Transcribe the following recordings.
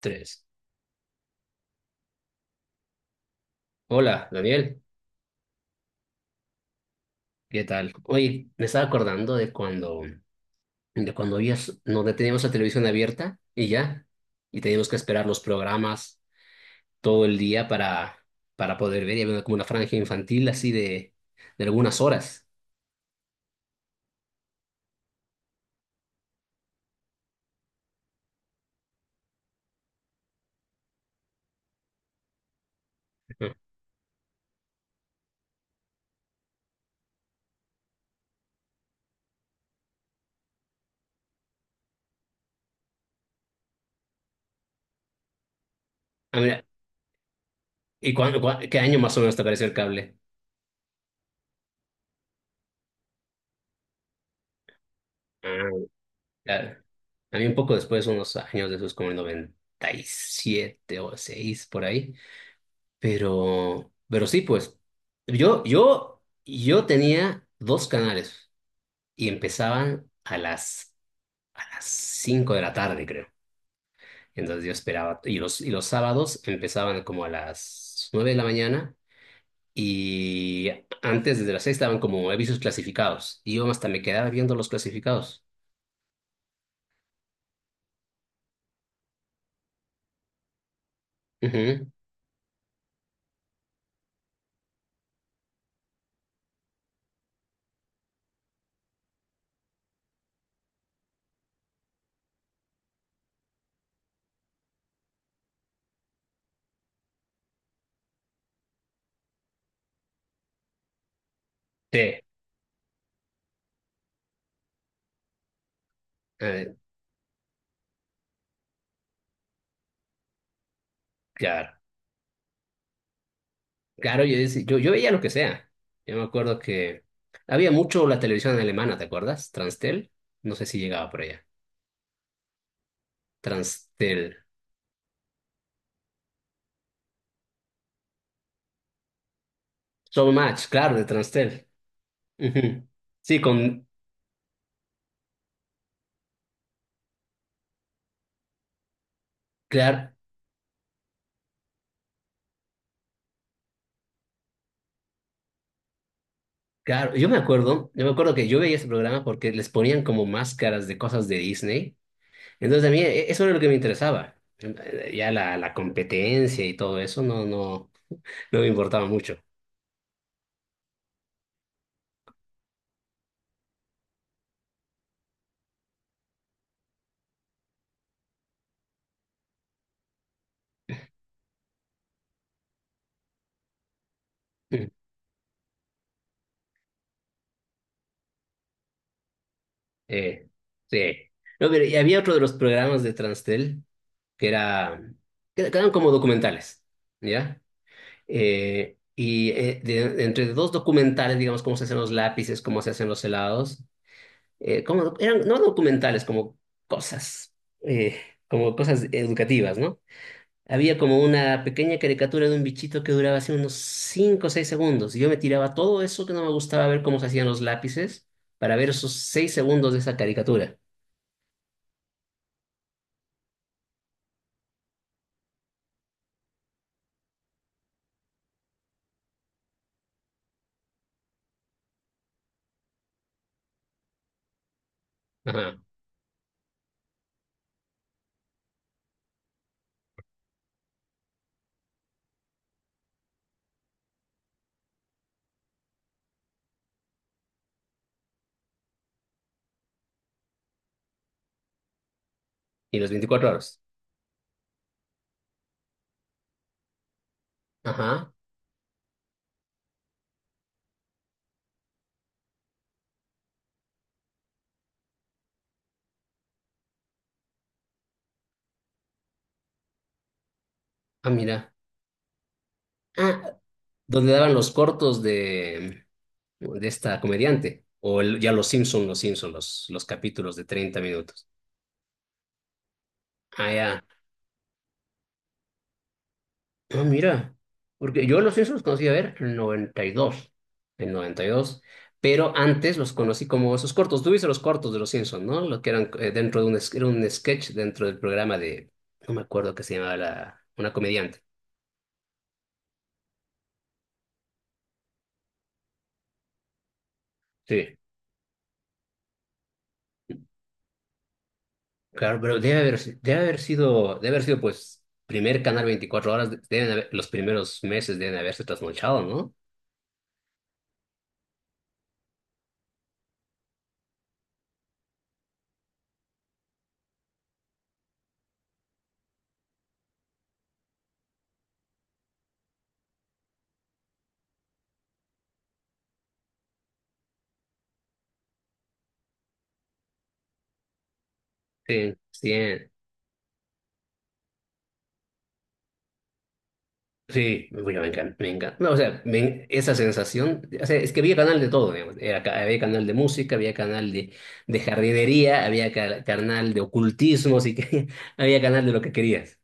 Tres. Hola, Daniel. ¿Qué tal? Oye, me estaba acordando de cuando, había, no teníamos la televisión abierta y ya, y teníamos que esperar los programas todo el día para poder ver, y había como una franja infantil así de algunas horas. Ujú. Ah, mira, ¿y cuándo, qué año más o menos te apareció el cable? Ah, claro. A mí un poco después, unos años después, como el 97 o 96 por ahí. Pero sí, pues, yo tenía dos canales y empezaban a las 5 de la tarde, creo. Entonces yo esperaba, y los sábados empezaban como a las 9 de la mañana y antes desde las 6 estaban como avisos clasificados y yo hasta me quedaba viendo los clasificados. Ujú. Sí, eh, claro. Claro, yo veía lo que sea. Yo me acuerdo que había mucho la televisión alemana, ¿te acuerdas? Transtel. No sé si llegaba por allá. Transtel. So Match, claro, de Transtel. Ujú. Sí, con... Claro, claro. Yo me acuerdo que yo veía ese programa porque les ponían como máscaras de cosas de Disney. Entonces a mí eso era lo que me interesaba. Ya la competencia y todo eso no me importaba mucho. Mm. Eh, sí. No, pero y había otro de los programas de Transtel que era, que eran como documentales, ¿ya? Entre dos documentales, digamos, cómo se hacen los lápices, cómo se hacen los helados, eran no documentales, cosas, eh, como cosas educativas, ¿no? Había como una pequeña caricatura de un bichito que duraba así unos 5 o 6 segundos. Y yo me tiraba todo eso que no me gustaba ver cómo se hacían los lápices para ver esos 6 segundos de esa caricatura. Ajá. Y los 24 horas. Ajá. Ah, mira. Ah, donde daban los cortos de esta comediante, ya los Simpson, los Simpson, los capítulos de 30 minutos. Ah, ya. Ah, mira, porque yo los Simpsons los conocí, a ver, en noventa y dos, pero antes los conocí como esos cortos. Tú viste los cortos de los Simpsons, ¿no? Lo que eran, dentro de era un sketch dentro del programa de, no me acuerdo qué se llamaba, una comediante. Sí. Claro, pero debe haber, si- debe haber sido, debe haber sido, pues, primer canal 24 horas. Los primeros meses deben haberse trasnochado, ¿no? Sí, sí, sí, bueno, me encanta, me encanta. No, o sea, esa sensación, o sea, es que había canal de todo, digamos. Era había canal de música, había canal de jardinería, había canal de ocultismo, así que había canal de lo que querías.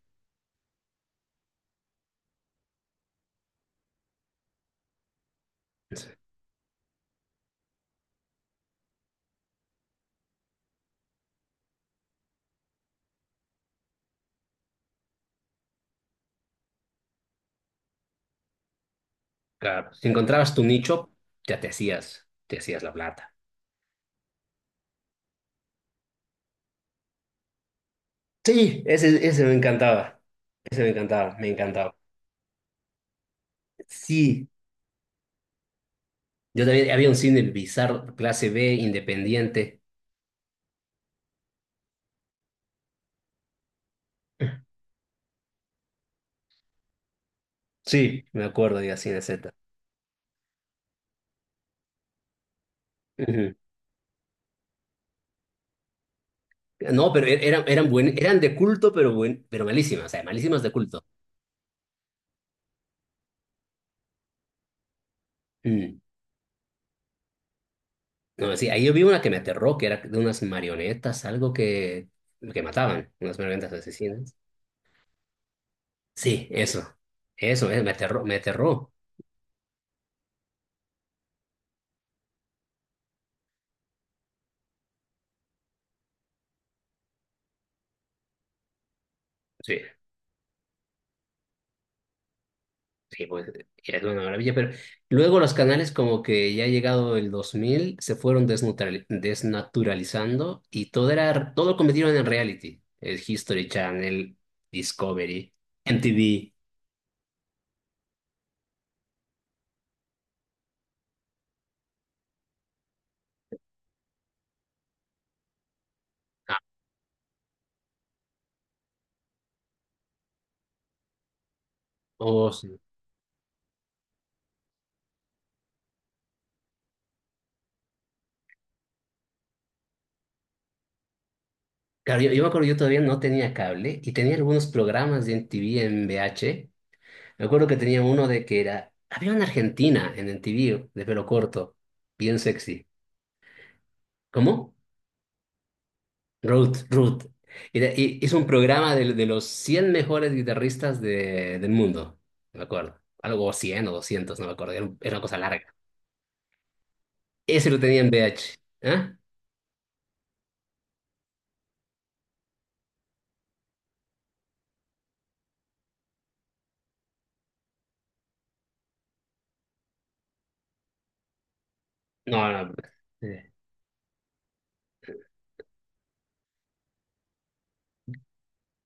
Claro, si encontrabas tu nicho, ya te hacías la plata. Sí, ese me encantaba, me encantaba. Sí, yo también había un cine bizarro, clase B, independiente. Sí, me acuerdo, de Cine Z. Ujú. No, pero eran, buen, eran de culto, pero, buen, pero malísimas, o sea, malísimas de culto. Mm. No, sí, ahí yo vi una que me aterró, que era de unas marionetas, algo que mataban, unas marionetas asesinas. Sí, eso, me aterró, me aterró. Sí. Sí, pues es una maravilla, pero luego los canales, como que ya llegado el 2000, se fueron desnaturalizando y todo lo convirtieron en reality. El History Channel, Discovery, MTV. Ah, oh, sí. Claro, yo me acuerdo, yo todavía no tenía cable y tenía algunos programas de MTV en VH. Me acuerdo que tenía uno había una argentina en MTV de pelo corto, bien sexy. ¿Cómo? Ruth, Ruth. Hizo un programa de los 100 mejores guitarristas del mundo, no me acuerdo. Algo 100 o 200, no me acuerdo. Era una cosa larga. Ese lo tenía en VH. ¿Ah? No, no. eh,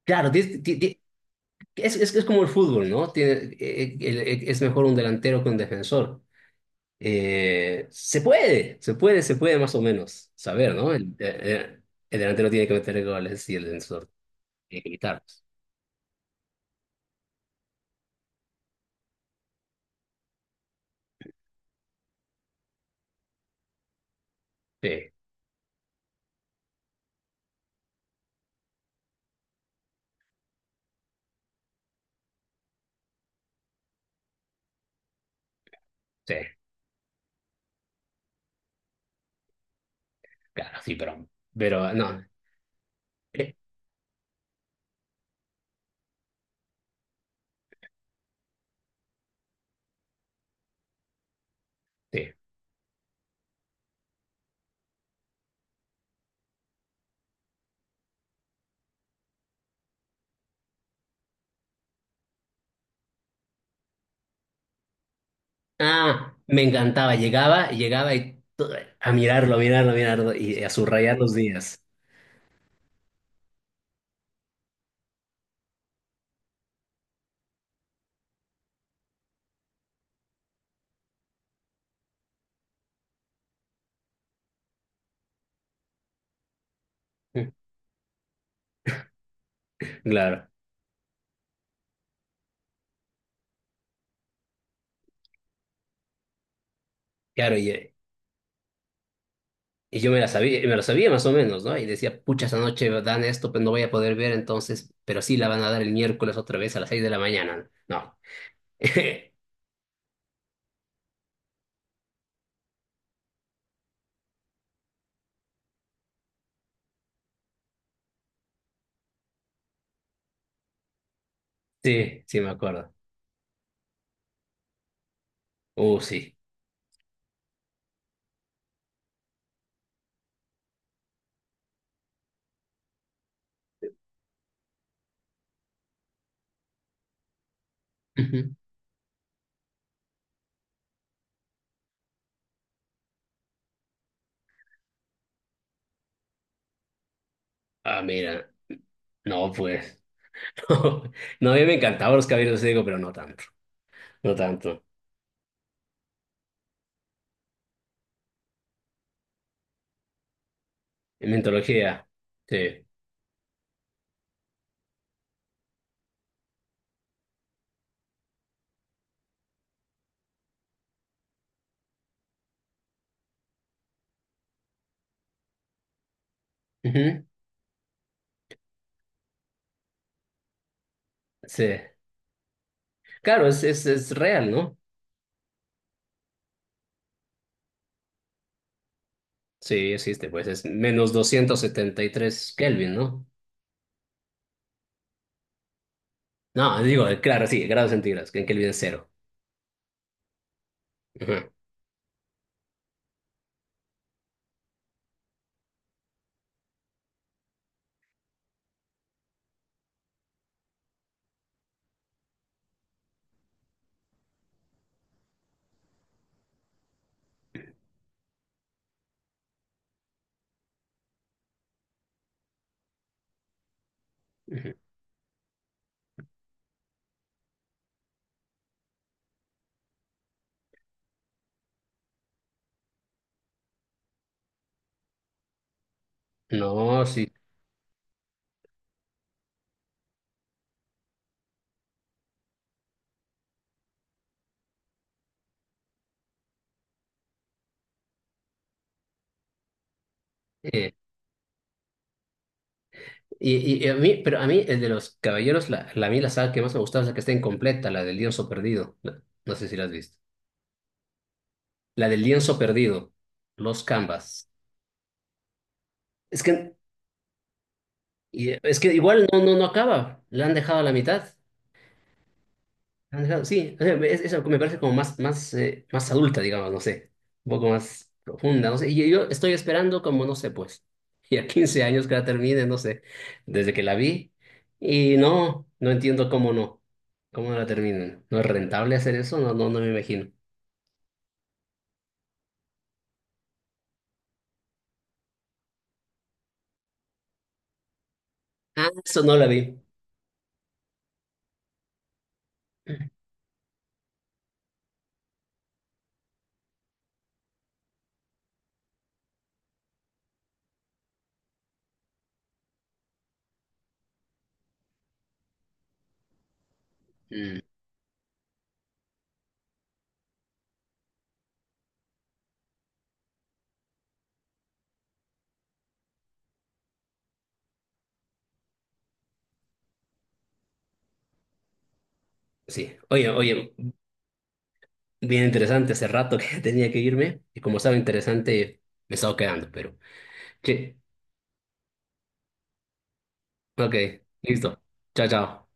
Claro, es como el fútbol, ¿no? Es mejor un delantero que un defensor. Se puede más o menos saber, ¿no? El delantero tiene que meter goles y el defensor tiene que evitarlos. Sí, sí, claro, sí, pero... Pero no. Este. Ah, me encantaba. Llegaba y a mirarlo, a mirarlo, a mirarlo y a subrayar los días. Claro, claro, y yo me la sabía, me lo sabía más o menos, ¿no? Y decía, pucha, esta noche dan esto, pero no voy a poder ver entonces, pero sí la van a dar el miércoles otra vez a las 6 de la mañana. No. Sí, sí, me acuerdo. Sí. Ujú. Ah, mira, no, pues. No, a mí me encantaban los caballeros de Zodíaco, pero no tanto, no tanto. En mitología, sí. Ujú. Sí. Claro, es real, ¿no? Sí, existe, pues es menos 273 Kelvin, ¿no? No, digo, claro, sí, grados centígrados, que en Kelvin es cero. Ujú, ujú. No, sí. Eh, y a mí, pero a mí, el de los caballeros, a mí la saga que más me gustaba es la que está incompleta, la del lienzo perdido. No, no sé si la has visto. La del lienzo perdido, los canvas. Es que, es que igual no acaba, la han dejado a la mitad. Han dejado, sí, o sea, eso me parece como más, más adulta, digamos, no sé, un poco más profunda, no sé, y yo estoy esperando como, no sé, pues, y a 15 años que la termine, no sé, desde que la vi, y no entiendo cómo no la terminan. ¿No es rentable hacer eso? No, no, no me imagino. Ah, eso no la vi. Mm, sí, oye, oye, bien interesante. Hace rato que tenía que irme, y como estaba interesante, me estaba quedando, pero, sí, ok, listo, chao, chao.